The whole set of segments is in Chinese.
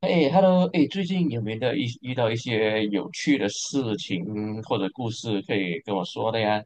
哎，Hello，哎，最近有没有遇到一些有趣的事情或者故事可以跟我说的呀？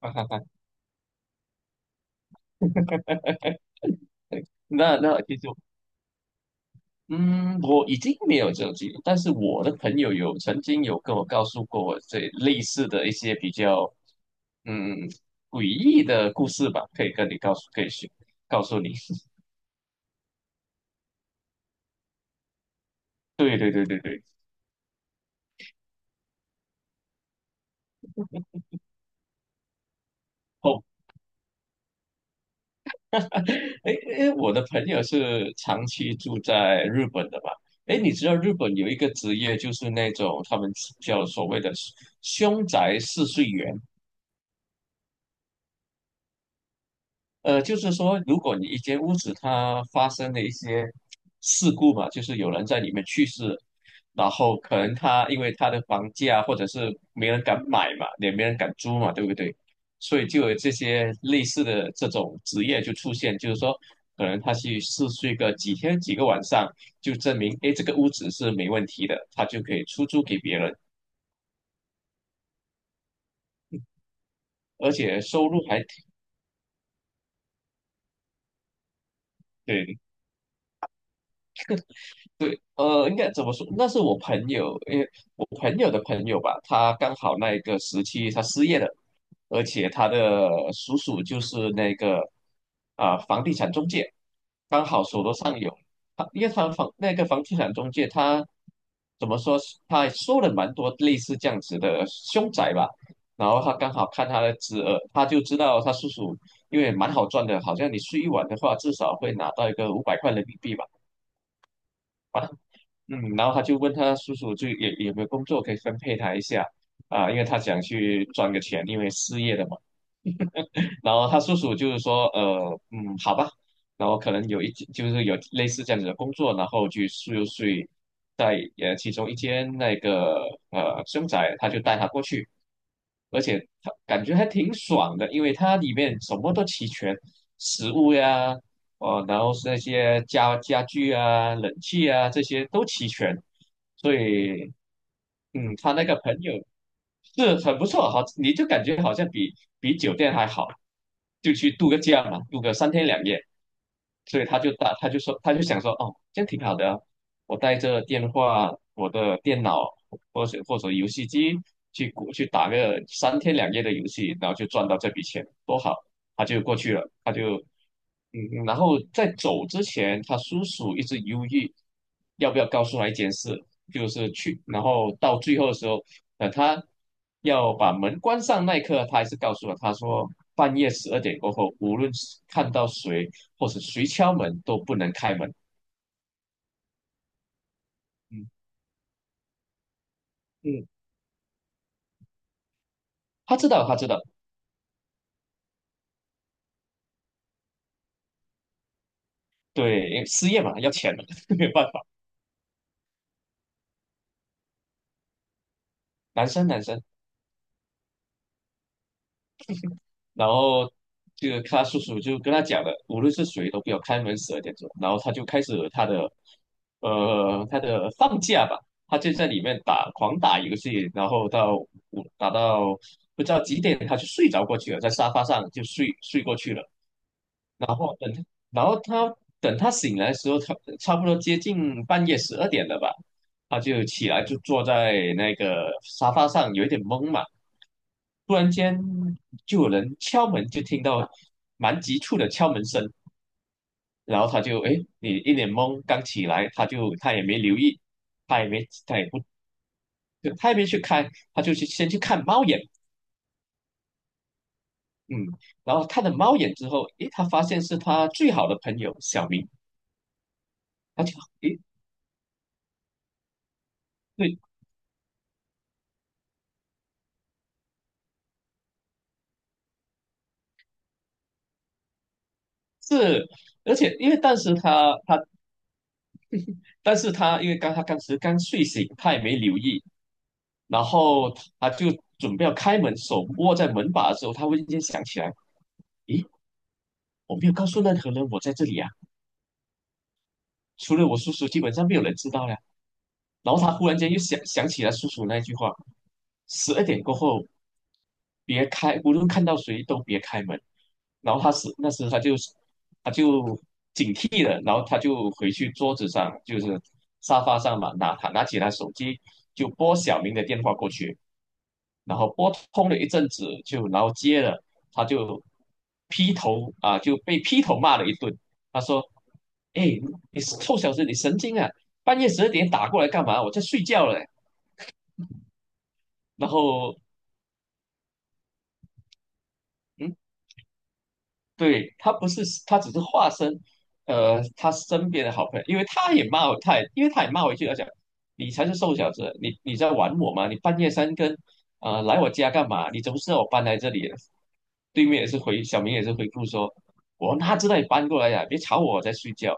哈哈哈。那其实，嗯，我已经没有这种经历，但是我的朋友曾经跟我告诉过我这类似的一些比较嗯诡异的故事吧，可以跟你告诉，可以去告诉你。对对对对对。哦。哎，哎，我的朋友是长期住在日本的吧？哎，你知道日本有一个职业就是那种他们叫所谓的凶宅试睡员。就是说，如果你一间屋子它发生了一些事故嘛，就是有人在里面去世，然后可能他因为他的房价或者是没人敢买嘛，也没人敢租嘛，对不对？所以就有这些类似的这种职业就出现，就是说，可能他去试睡个几天几个晚上，就证明，诶，这个屋子是没问题的，他就可以出租给别人，而且收入还挺。对对，应该怎么说？那是我朋友，因为我朋友的朋友吧，他刚好那一个时期他失业了，而且他的叔叔就是那个房地产中介，刚好手头上有。他因为那个房地产中介他怎么说？他收了蛮多类似这样子的凶宅吧，然后他刚好看他的侄儿，他就知道他叔叔因为蛮好赚的，好像你睡一晚的话，至少会拿到一个500块人民币吧。嗯，然后他就问他叔叔就也有没有工作可以分配他一下啊，因为他想去赚个钱，因为失业了嘛。然后他叔叔就是说，好吧，然后可能就是有类似这样子的工作，然后去又睡在其中一间那个凶宅，他就带他过去。而且他感觉还挺爽的，因为它里面什么都齐全，食物呀。哦，然后是那些家具啊、冷气啊这些都齐全，所以他那个朋友是很不错，好，你就感觉好像比酒店还好，就去度个假嘛，度个三天两夜。所以他就想说，哦，这样挺好的啊，我带着电话、我的电脑或者游戏机去打个三天两夜的游戏，然后就赚到这笔钱，多好。他就过去了。他就嗯，然后在走之前，他叔叔一直犹豫要不要告诉他一件事，就是去，然后到最后的时候，他要把门关上那一刻，他还是告诉了他说，半夜十二点过后，无论是看到谁或者谁敲门都不能开门。嗯嗯，他知道，他知道。对，因为失业嘛，要钱嘛，没有办法。男生男生。然后这个他叔叔就跟他讲了，无论是谁都不要开门12点钟。然后他就开始他的放假吧，他就在里面狂打游戏，然后打到不知道几点他就睡着过去了，在沙发上就睡过去了。然后等他，然后等他醒来的时候，差不多接近半夜十二点了吧，他就起来就坐在那个沙发上，有一点懵嘛。突然间就有人敲门，就听到蛮急促的敲门声，然后他就哎，诶，你一脸懵，刚起来，他也没留意，他也没他也不他也没去看，他就先去看猫眼。嗯，然后看了猫眼之后，诶，他发现是他最好的朋友小明。他就诶，对，是。而且因为当时他他但是他因为刚他当时刚睡醒，他也没留意，然后他就准备要开门，手握在门把的时候，他忽然间想起来，咦，我没有告诉任何人我在这里啊，除了我叔叔，基本上没有人知道呀。然后他忽然间又想起了叔叔那句话：十二点过后，别开，无论看到谁都别开门。然后他是那时他就他就警惕了，然后他就回去桌子上，就是沙发上嘛，拿起他手机就拨小明的电话过去，然后拨通了一阵子然后接了，他就劈头啊就被劈头骂了一顿。他说：“哎，你臭小子，你神经啊！半夜十二点打过来干嘛？我在睡觉嘞。”然后嗯，对，他不是，他只是化身，他身边的好朋友。因为他也骂我一句，他讲，你才是瘦小子，你在玩我吗？你半夜三更，来我家干嘛？你怎么知道我搬来这里了？对面也是回，小明也是回复说，我哪知道你搬过来呀、别吵我，我在睡觉。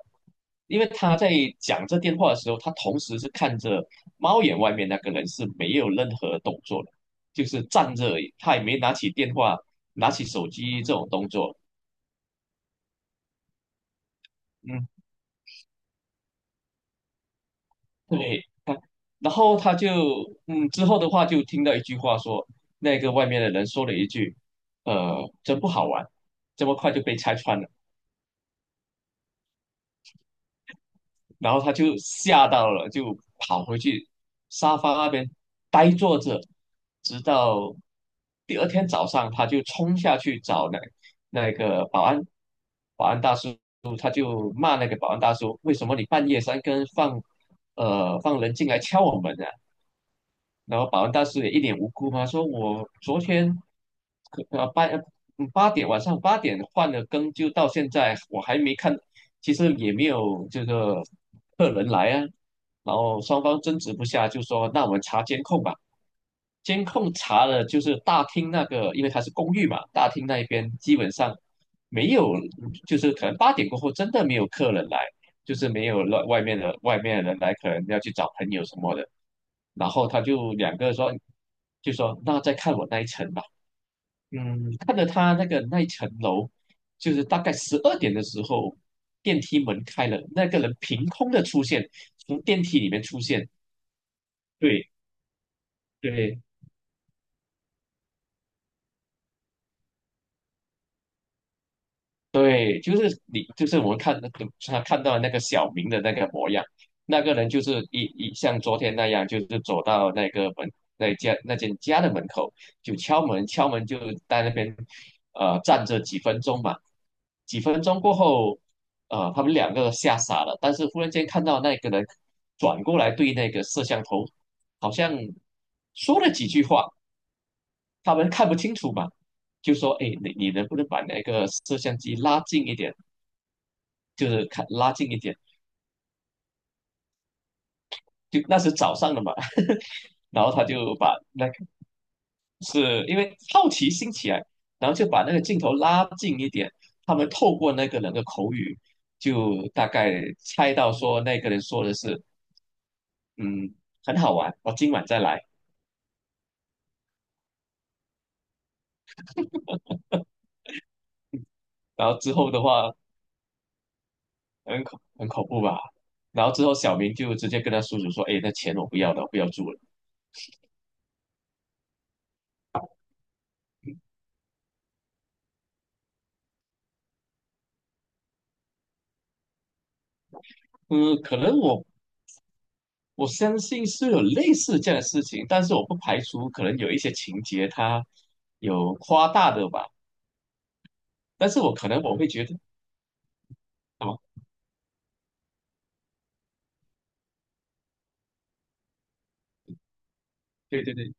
因为他在讲这电话的时候，他同时是看着猫眼外面那个人是没有任何动作的，就是站着而已，他也没拿起电话、拿起手机这种动作。嗯，对，他然后他就，之后的话就听到一句话说，那个外面的人说了一句，真不好玩，这么快就被拆穿了。然后他就吓到了，就跑回去沙发那边呆坐着，直到第二天早上，他就冲下去找那个保安，保安大叔，他就骂那个保安大叔，为什么你半夜三更放人进来敲我门啊？然后保安大师也一脸无辜嘛，说我昨天可呃八嗯八点晚上8点换了更，就到现在我还没看，其实也没有这个客人来啊。然后双方争执不下，就说那我们查监控吧。监控查了，就是大厅那个，因为它是公寓嘛，大厅那一边基本上没有，就是可能八点过后真的没有客人来。就是没有了外面的人来，可能要去找朋友什么的。然后他就两个说，就说那再看我那一层吧。嗯，看着他那个那一层楼，就是大概十二点的时候，电梯门开了，那个人凭空的出现，从电梯里面出现。对对，对，就是你，就是我们看那个他看到那个小明的那个模样，那个人就是像昨天那样，就是走到那个门那家那间家的门口，就敲门就在那边站着几分钟嘛。几分钟过后，他们两个吓傻了，但是忽然间看到那个人转过来对那个摄像头，好像说了几句话，他们看不清楚嘛，就说：“哎，你能不能把那个摄像机拉近一点？”就是看拉近一点，就那是早上的嘛。然后他就把那个是因为好奇心起来，然后就把那个镜头拉近一点，他们透过那个人的口语，就大概猜到说那个人说的是，嗯，很好玩，我今晚再来。然后之后的话，很恐怖吧。然后之后小明就直接跟他叔叔说，哎，那钱我不要了，我不要住了。嗯，可能我相信是有类似这样的事情，但是我不排除可能有一些情节它有夸大的吧。但是我可能我会觉得什么？对对对。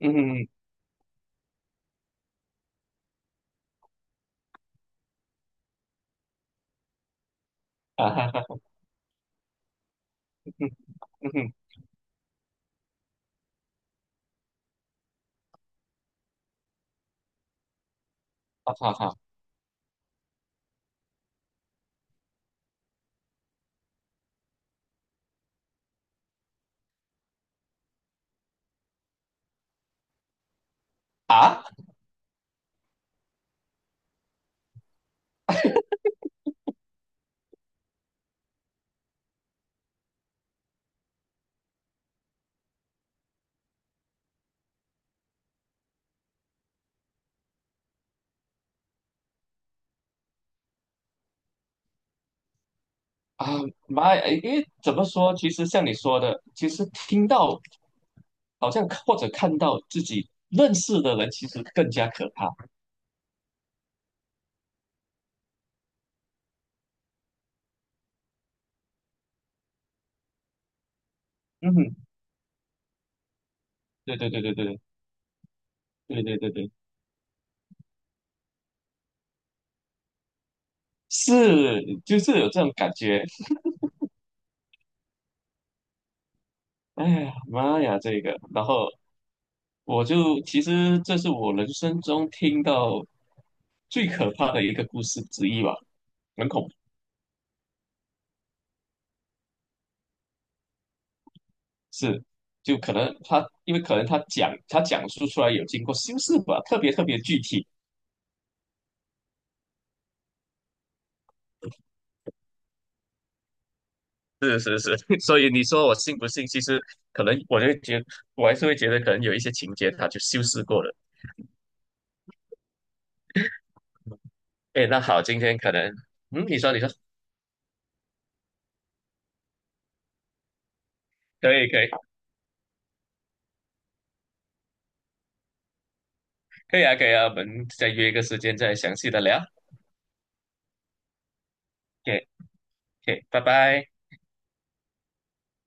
嗯哼。嗯。啊哈哈。嗯。嗯哼。啊哈哈。啊，啊妈呀！因为怎么说，其实像你说的，其实听到好像或者看到自己认识的人，其实更加可怕。嗯哼，对对对对对对对对对，是就是有这种感觉。哎呀妈呀，这个，然后。我就其实这是我人生中听到最可怕的一个故事之一吧，很恐怖。是，就可能他，因为可能他讲述出来有经过修饰吧，特别特别具体。是是是。所以你说我信不信？其实可能我还是会觉得可能有一些情节他就修饰过了。哎，那好，今天可能，你说，可以可以可以啊可以啊，我们再约一个时间再详细的聊。OK OK，拜拜。